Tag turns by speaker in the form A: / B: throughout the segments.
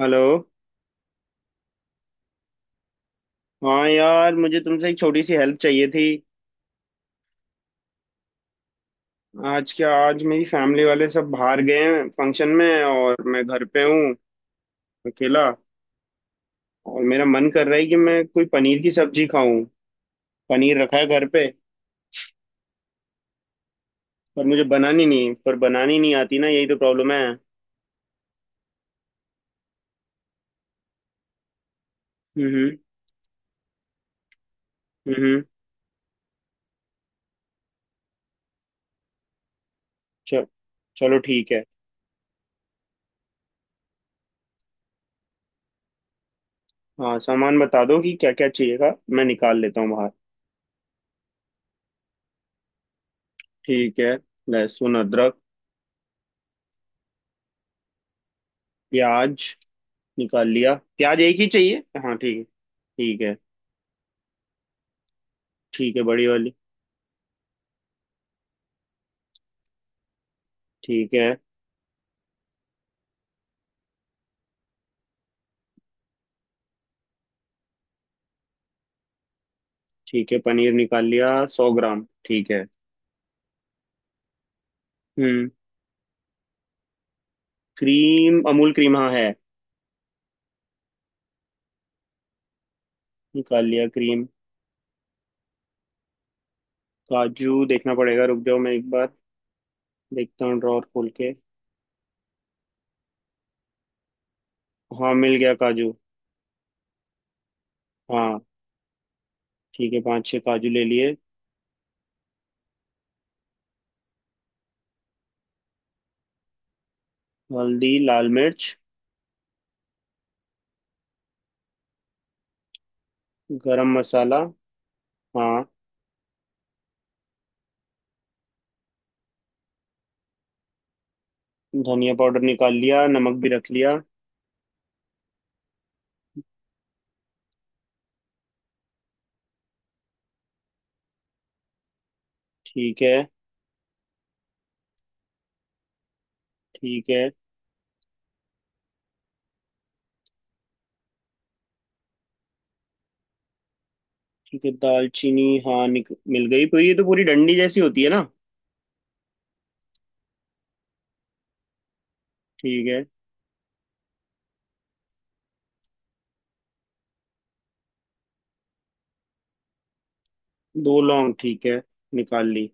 A: Hello. हाँ यार, मुझे तुमसे एक छोटी सी हेल्प चाहिए थी। आज क्या आज मेरी फैमिली वाले सब बाहर गए हैं फंक्शन में, और मैं घर पे हूँ अकेला। और मेरा मन कर रहा है कि मैं कोई पनीर की सब्जी खाऊं। पनीर रखा है घर पे। पर मुझे बनानी नहीं, पर बनानी नहीं आती ना, यही तो प्रॉब्लम है। हम्म। हम्म। चल। चलो ठीक है। हाँ, सामान बता दो कि क्या क्या चाहिएगा, मैं निकाल लेता हूँ बाहर। ठीक है, लहसुन अदरक। प्याज निकाल लिया। प्याज एक ही चाहिए? हाँ, ठीक है ठीक है। ठीक है बड़ी वाली। ठीक है। ठीक है, पनीर निकाल लिया। 100 ग्राम, ठीक है। हम्म। क्रीम, अमूल क्रीम हाँ है। निकाल लिया क्रीम। काजू देखना पड़ेगा, रुक जाओ मैं एक बार देखता हूँ ड्रॉर खोल के। हाँ मिल गया काजू। हाँ, ठीक है, पांच छह काजू ले लिए। हल्दी लाल मिर्च। गरम मसाला। हाँ। धनिया पाउडर निकाल लिया, नमक भी रख लिया। ठीक है। ठीक है। ठीक है, दालचीनी हाँ मिल गई। तो ये तो पूरी डंडी जैसी होती है ना? ठीक है। दो लौंग, ठीक है, निकाल ली।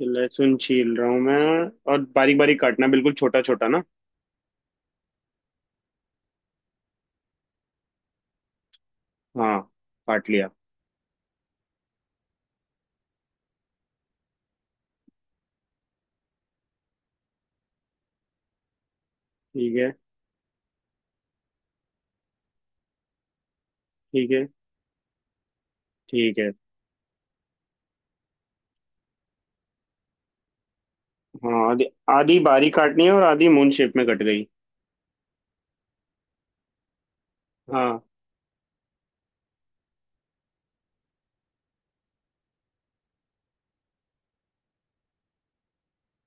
A: लहसुन छील रहा हूँ मैं। और बारीक बारीक काटना, बिल्कुल छोटा छोटा ना? हाँ, काट लिया। ठीक है। ठीक है। ठीक है। हाँ आधी। आधी बारीक काटनी है और आधी मून शेप में कट गई। हाँ।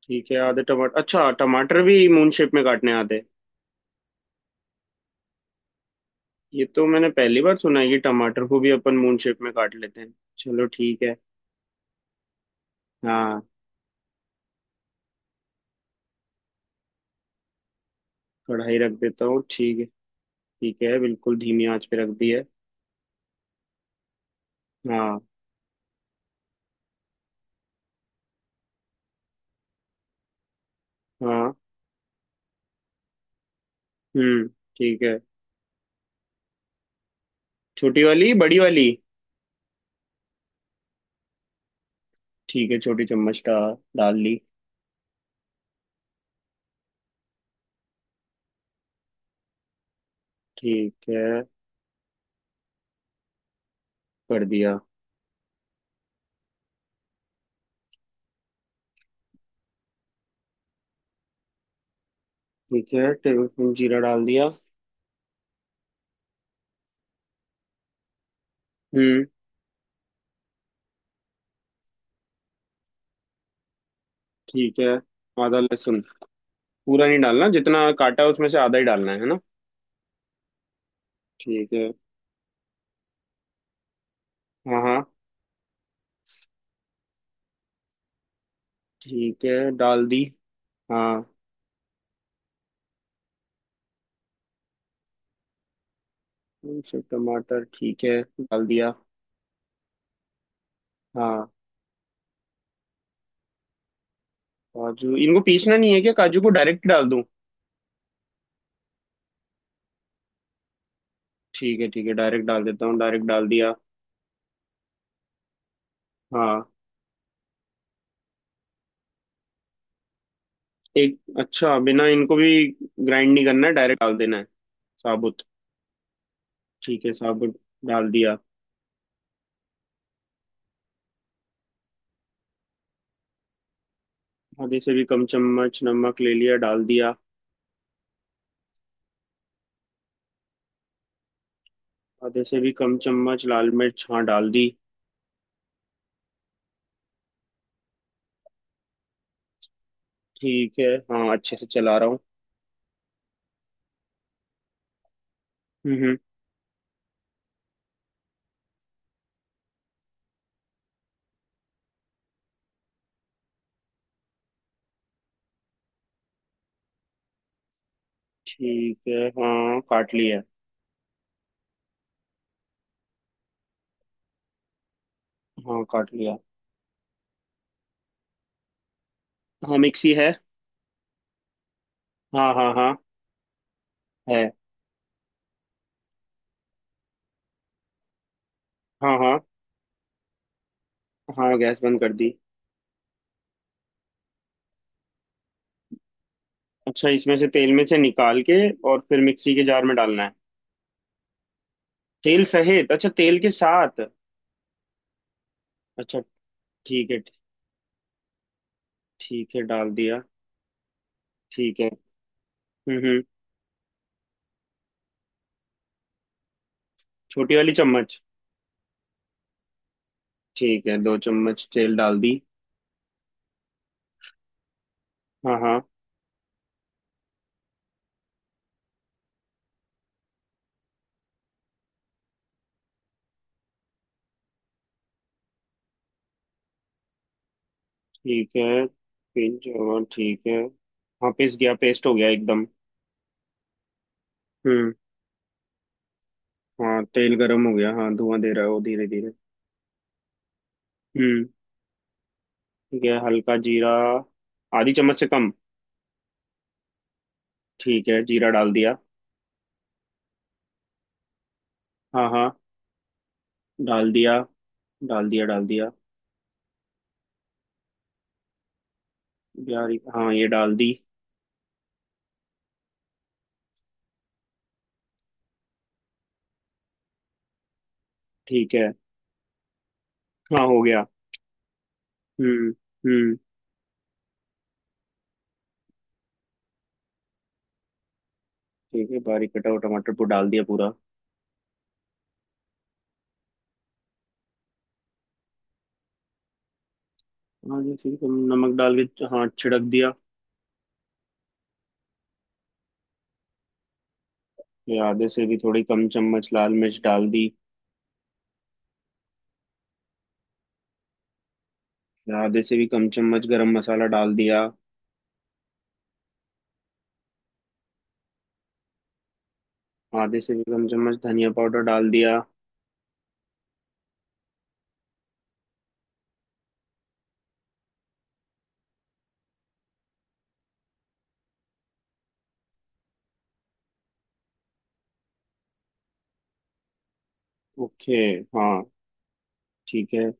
A: ठीक है। आधे टमाटर, अच्छा टमाटर भी मून शेप में काटने आते हैं। ये तो मैंने पहली बार सुना है कि टमाटर को भी अपन मून शेप में काट लेते हैं। चलो ठीक है। हाँ। कढ़ाई रख देता हूँ, ठीक है। ठीक है, बिल्कुल धीमी आंच पे रख दी है। हाँ हाँ। हम्म। ठीक है। छोटी वाली बड़ी वाली? ठीक है, छोटी चम्मच का, डाल ली। ठीक है, कर दिया। ठीक है, टेबल स्पून जीरा डाल दिया। हम्म। ठीक है, आधा लहसुन, पूरा नहीं डालना, जितना काटा है उसमें से आधा ही डालना है ना? ठीक है। हाँ हाँ। ठीक है, डाल दी। हाँ, सब टमाटर, ठीक है डाल दिया। हाँ, काजू इनको पीसना नहीं है क्या? काजू को डायरेक्ट डाल दूं? ठीक है ठीक है, डायरेक्ट डाल देता हूँ, डायरेक्ट डाल दिया। हाँ, एक अच्छा, बिना इनको भी ग्राइंड नहीं करना है, डायरेक्ट डाल देना है साबुत। ठीक है साबुत, डाल दिया। आधे से भी कम चम्मच नमक ले लिया, डाल दिया। आधे से भी कम चम्मच लाल मिर्च, हाँ डाल दी। ठीक है। हाँ अच्छे से चला रहा हूँ। हम्म। ठीक है, हाँ काट लिया। हाँ काट लिया। हाँ मिक्सी है। हाँ हाँ हाँ, है। हाँ हाँ। हाँ, गैस बंद कर दी। अच्छा, इसमें से तेल में से निकाल के और फिर मिक्सी के जार में डालना है? तेल सहित, अच्छा, तेल के साथ। अच्छा, ठीक है। ठीक है डाल दिया। ठीक है। हम्म, छोटी वाली चम्मच? ठीक है, दो चम्मच तेल डाल दी। हाँ हाँ। ठीक है। पिंच और ठीक है। हाँ पिस गया, पेस्ट हो गया एकदम। हम्म। हाँ तेल गर्म हो गया, हाँ धुआं दे रहा है वो धीरे धीरे। हम्म। ठीक है हल्का जीरा, आधी चम्मच से कम। ठीक है, जीरा डाल दिया। हाँ हाँ। डाल दिया, डाल दिया डाल दिया। यार, हाँ ये डाल दी। ठीक है। हाँ हो गया। हम्म। हम्म। ठीक है, बारीक कटा हुआ टमाटर को डाल दिया पूरा। हाँ जी ठीक है, नमक डाल के हाँ छिड़क दिया। फिर आधे से भी थोड़ी कम चम्मच लाल मिर्च डाल दी। फिर आधे से भी कम चम्मच गरम मसाला डाल दिया। आधे से भी कम चम्मच धनिया पाउडर डाल दिया। ओके। हाँ। ठीक है।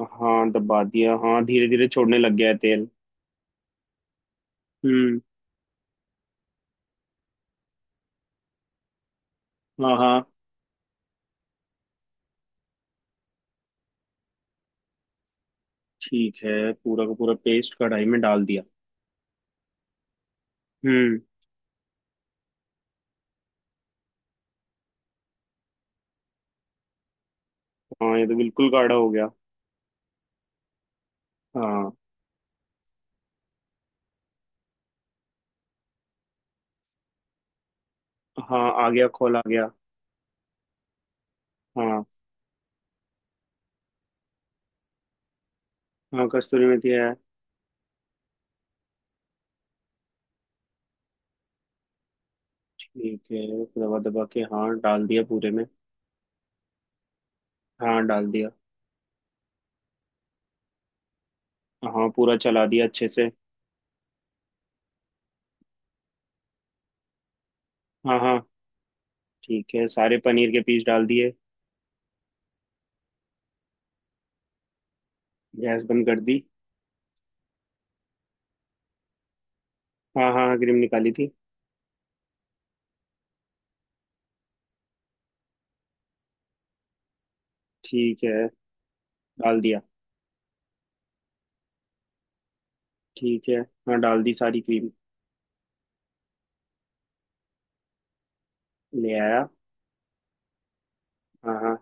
A: हाँ दबा दिया, हाँ धीरे धीरे छोड़ने लग गया है तेल। हम्म। हाँ हाँ। ठीक है, पूरा का पूरा पेस्ट कढ़ाई में डाल दिया। हम्म। हाँ ये तो बिल्कुल गाढ़ा हो गया। हाँ। हाँ आ गया, खोल आ गया। हाँ। हाँ कस्तूरी मेथी है। ठीक है, दबा दबा के हाँ डाल दिया पूरे में। हाँ डाल दिया। हाँ पूरा चला दिया अच्छे से। हाँ हाँ, ठीक है सारे पनीर के पीस डाल दिए। गैस बंद कर दी। हाँ हाँ क्रीम निकाली थी। ठीक है डाल दिया। ठीक है, हाँ डाल दी सारी क्रीम। ले आया। हाँ हाँ।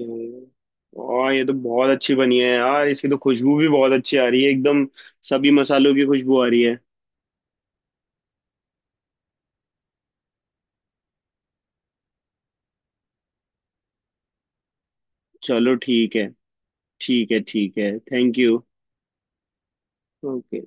A: हम्म। और ये तो बहुत अच्छी बनी है यार, इसकी तो खुशबू भी बहुत अच्छी आ रही है एकदम। सभी मसालों की खुशबू आ रही है। चलो ठीक है। ठीक है ठीक है, थैंक यू। ओके।